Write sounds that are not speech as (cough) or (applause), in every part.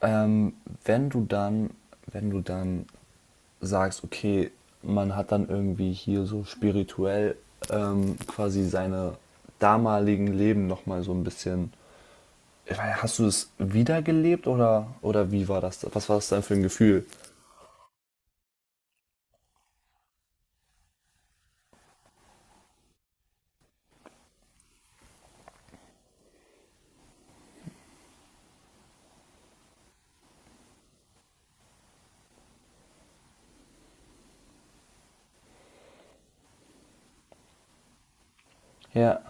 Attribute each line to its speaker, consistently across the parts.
Speaker 1: Ähm, wenn du dann, wenn du dann sagst, okay, man hat dann irgendwie hier so spirituell quasi seine damaligen Leben nochmal so ein bisschen. Ich weiß, hast du es wiedergelebt oder wie war das? Was war das dann für ein Gefühl? Ja,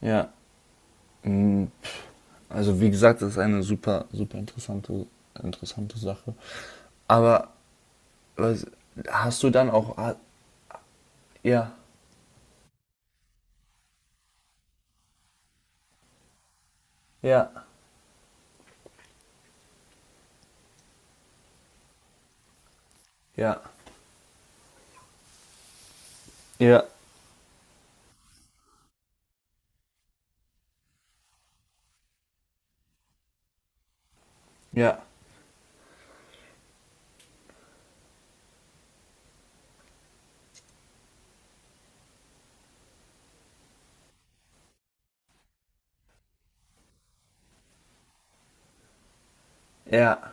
Speaker 1: ja. Mm. Also wie gesagt, das ist eine super, super interessante Sache. Aber was, hast du dann auch... ja, ja, ja, ja, ja. Ja.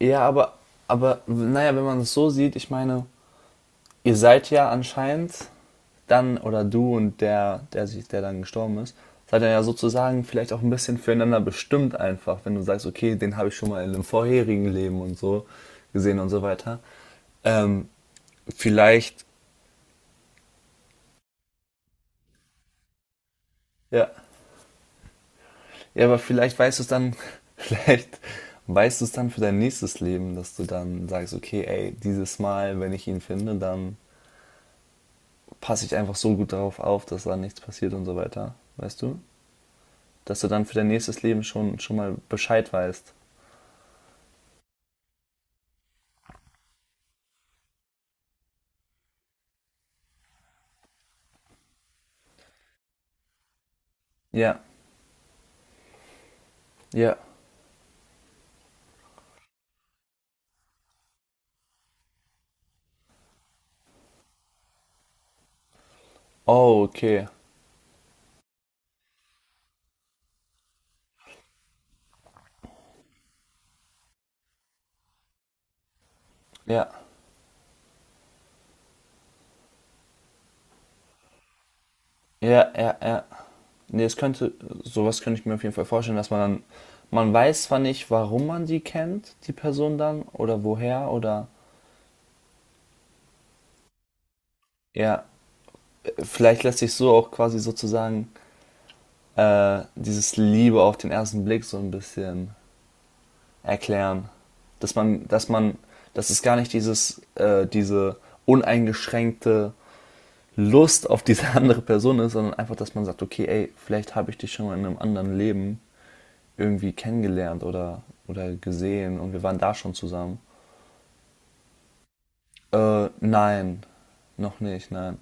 Speaker 1: Ja, aber naja, wenn man es so sieht, ich meine, ihr seid ja anscheinend dann, oder du und der dann gestorben ist, seid ihr ja sozusagen vielleicht auch ein bisschen füreinander bestimmt einfach, wenn du sagst, okay, den habe ich schon mal in einem vorherigen Leben und so gesehen und so weiter. Ähm, vielleicht, ja, ja, aber vielleicht weißt du es dann, (laughs) vielleicht weißt du es dann für dein nächstes Leben, dass du dann sagst, okay, ey, dieses Mal, wenn ich ihn finde, dann passe ich einfach so gut darauf auf, dass da nichts passiert und so weiter. Weißt du? Dass du dann für dein nächstes Leben schon mal Bescheid weißt. Ja, ja. Oh, okay. Ja, ja, ja, ja. Nee, es könnte, sowas könnte ich mir auf jeden Fall vorstellen, dass man dann, man weiß zwar nicht, warum man die kennt, die Person dann, oder woher, oder, ja, vielleicht lässt sich so auch quasi sozusagen dieses Liebe auf den ersten Blick so ein bisschen erklären. Dass man, dass man, dass es gar nicht diese uneingeschränkte Lust auf diese (laughs) andere Person ist, sondern einfach, dass man sagt, okay, ey, vielleicht habe ich dich schon mal in einem anderen Leben irgendwie kennengelernt oder gesehen und wir waren da schon zusammen. Nein, noch nicht, nein.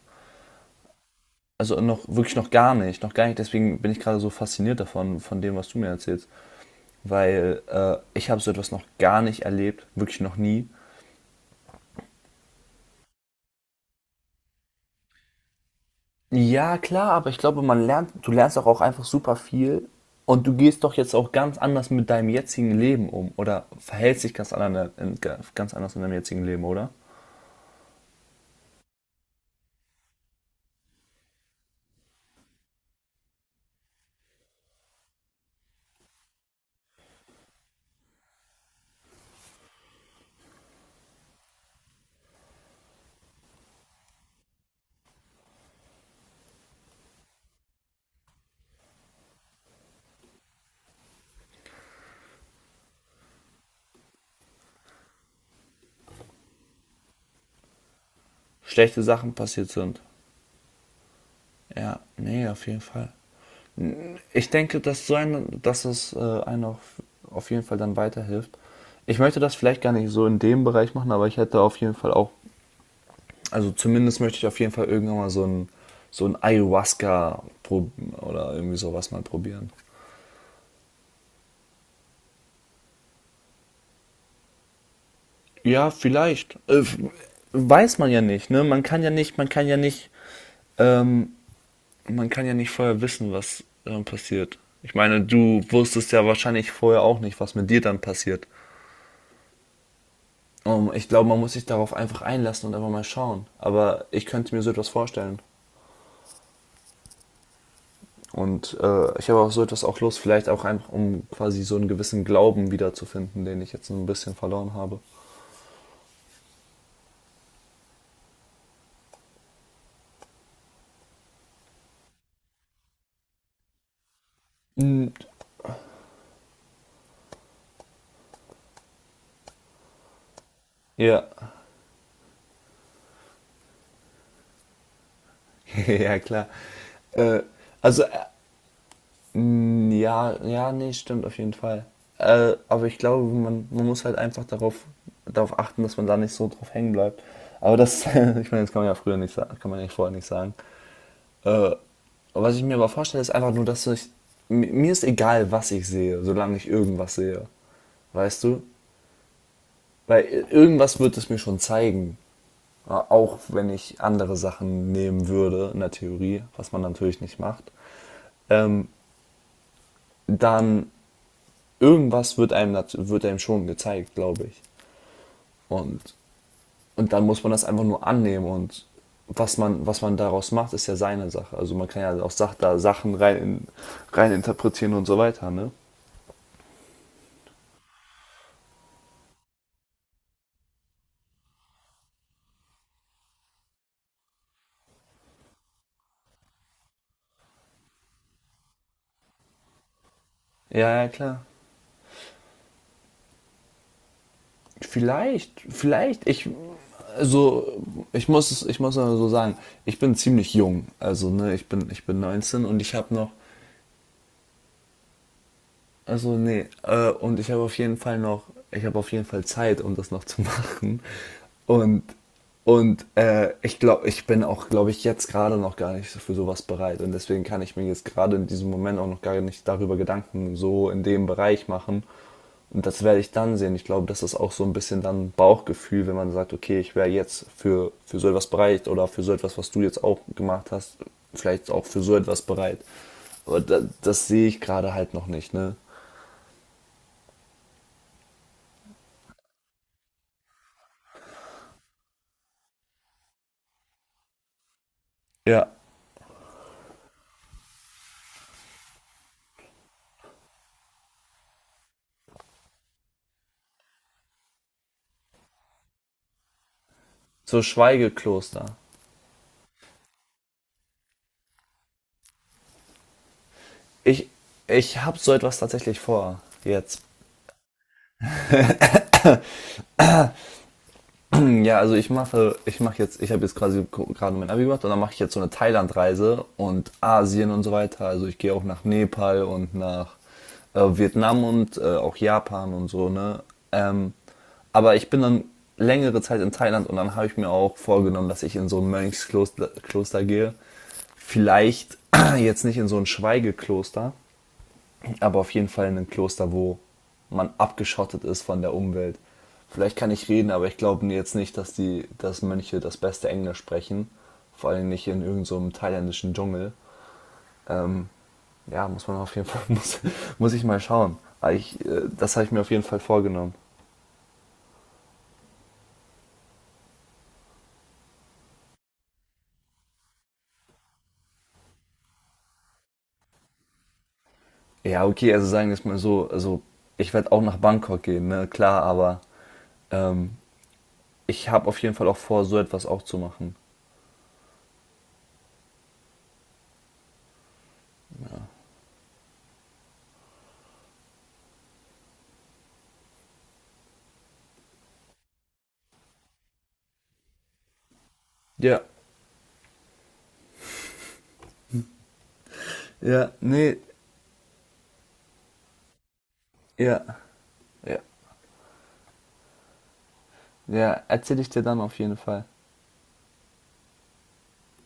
Speaker 1: Also noch wirklich noch gar nicht. Deswegen bin ich gerade so fasziniert davon, von dem, was du mir erzählst, weil ich habe so etwas noch gar nicht erlebt, wirklich noch nie. Ja, klar, aber ich glaube, man lernt, du lernst doch auch einfach super viel und du gehst doch jetzt auch ganz anders mit deinem jetzigen Leben um oder verhältst dich ganz anders in deinem jetzigen Leben, oder? Schlechte Sachen passiert sind. Ja, nee, auf jeden Fall. Ich denke, dass so ein, dass es einem auf jeden Fall dann weiterhilft. Ich möchte das vielleicht gar nicht so in dem Bereich machen, aber ich hätte auf jeden Fall auch, also zumindest möchte ich auf jeden Fall irgendwann mal so ein oder irgendwie sowas mal probieren. Ja, vielleicht. Weiß man ja nicht, ne? Man kann ja nicht, man kann ja nicht, ähm, man kann ja nicht vorher wissen, was passiert. Ich meine, du wusstest ja wahrscheinlich vorher auch nicht, was mit dir dann passiert. Ich glaube, man muss sich darauf einfach einlassen und einfach mal schauen. Aber ich könnte mir so etwas vorstellen. Und ich habe auch so etwas auch Lust, vielleicht auch einfach, um quasi so einen gewissen Glauben wiederzufinden, den ich jetzt so ein bisschen verloren habe. Mm. Ja, (laughs) ja klar. Äh, also mm. Ja, ja, nee, stimmt auf jeden Fall. Aber ich glaube, man muss halt einfach darauf achten, dass man da nicht so drauf hängen bleibt. Aber das, (laughs) ich meine, das kann man ja früher nicht sagen, kann man ja vorher nicht sagen. Äh, was ich mir aber vorstelle, ist einfach nur, mir ist egal, was ich sehe, solange ich irgendwas sehe. Weißt du? Weil irgendwas wird es mir schon zeigen. Auch wenn ich andere Sachen nehmen würde, in der Theorie, was man natürlich nicht macht. Ähm, dann irgendwas wird einem, wird einem schon gezeigt, glaube ich. Und, und dann muss man das einfach nur annehmen und was man daraus macht, ist ja seine Sache. Also man kann ja auch Sachen rein interpretieren und so weiter, ne? Ja, ja, klar. Vielleicht, vielleicht, ich, also, ich muss es, ich muss mal so sagen, ich bin ziemlich jung. Also, ne, ich bin 19 und ich habe noch. Also nee, und ich habe auf jeden Fall noch, ich habe auf jeden Fall Zeit, um das noch zu (laughs) machen. Und und ich glaube, ich bin auch, glaube ich, jetzt gerade noch gar nicht so für sowas bereit. Und deswegen kann ich mir jetzt gerade in diesem Moment auch noch gar nicht darüber Gedanken so in dem Bereich machen. Und das werde ich dann sehen. Ich glaube, das ist auch so ein bisschen dann Bauchgefühl, wenn man sagt, okay, ich wäre jetzt für so etwas bereit oder für so etwas, was du jetzt auch gemacht hast, vielleicht auch für so etwas bereit. Aber das, das sehe ich gerade halt noch nicht, ne? Ja, so Schweigekloster. Ich, ich habe so etwas tatsächlich vor jetzt. (clears throat) (laughs) Ja, also ich mache jetzt, ich habe jetzt quasi gerade mein Abi gemacht und dann mache ich jetzt so eine Thailandreise und Asien und so weiter. Also ich gehe auch nach Nepal und nach Vietnam und auch Japan und so, ne? Ähm, aber ich bin dann längere Zeit in Thailand und dann habe ich mir auch vorgenommen, dass ich in so ein Mönchskloster Kloster gehe. Vielleicht (clears throat) (laughs) jetzt nicht in so ein Schweigekloster, aber auf jeden Fall in einem Kloster, wo man abgeschottet ist von der Umwelt. Vielleicht kann ich reden, aber ich glaube jetzt nicht, dass Mönche das beste Englisch sprechen. Vor allem nicht in irgendeinem so thailändischen Dschungel. Ähm, ja, muss man auf jeden Fall, (laughs) muss ich mal schauen. Ich, das habe ich mir auf jeden Fall vorgenommen. Ja, okay, also sagen wir es mal so, also ich werde auch nach Bangkok gehen, ne? Klar, aber ähm, ich habe auf jeden Fall auch vor, so etwas auch zu machen. Ja. Ja, nee, ja. Ja. Ja, erzähle ich dir dann auf jeden Fall.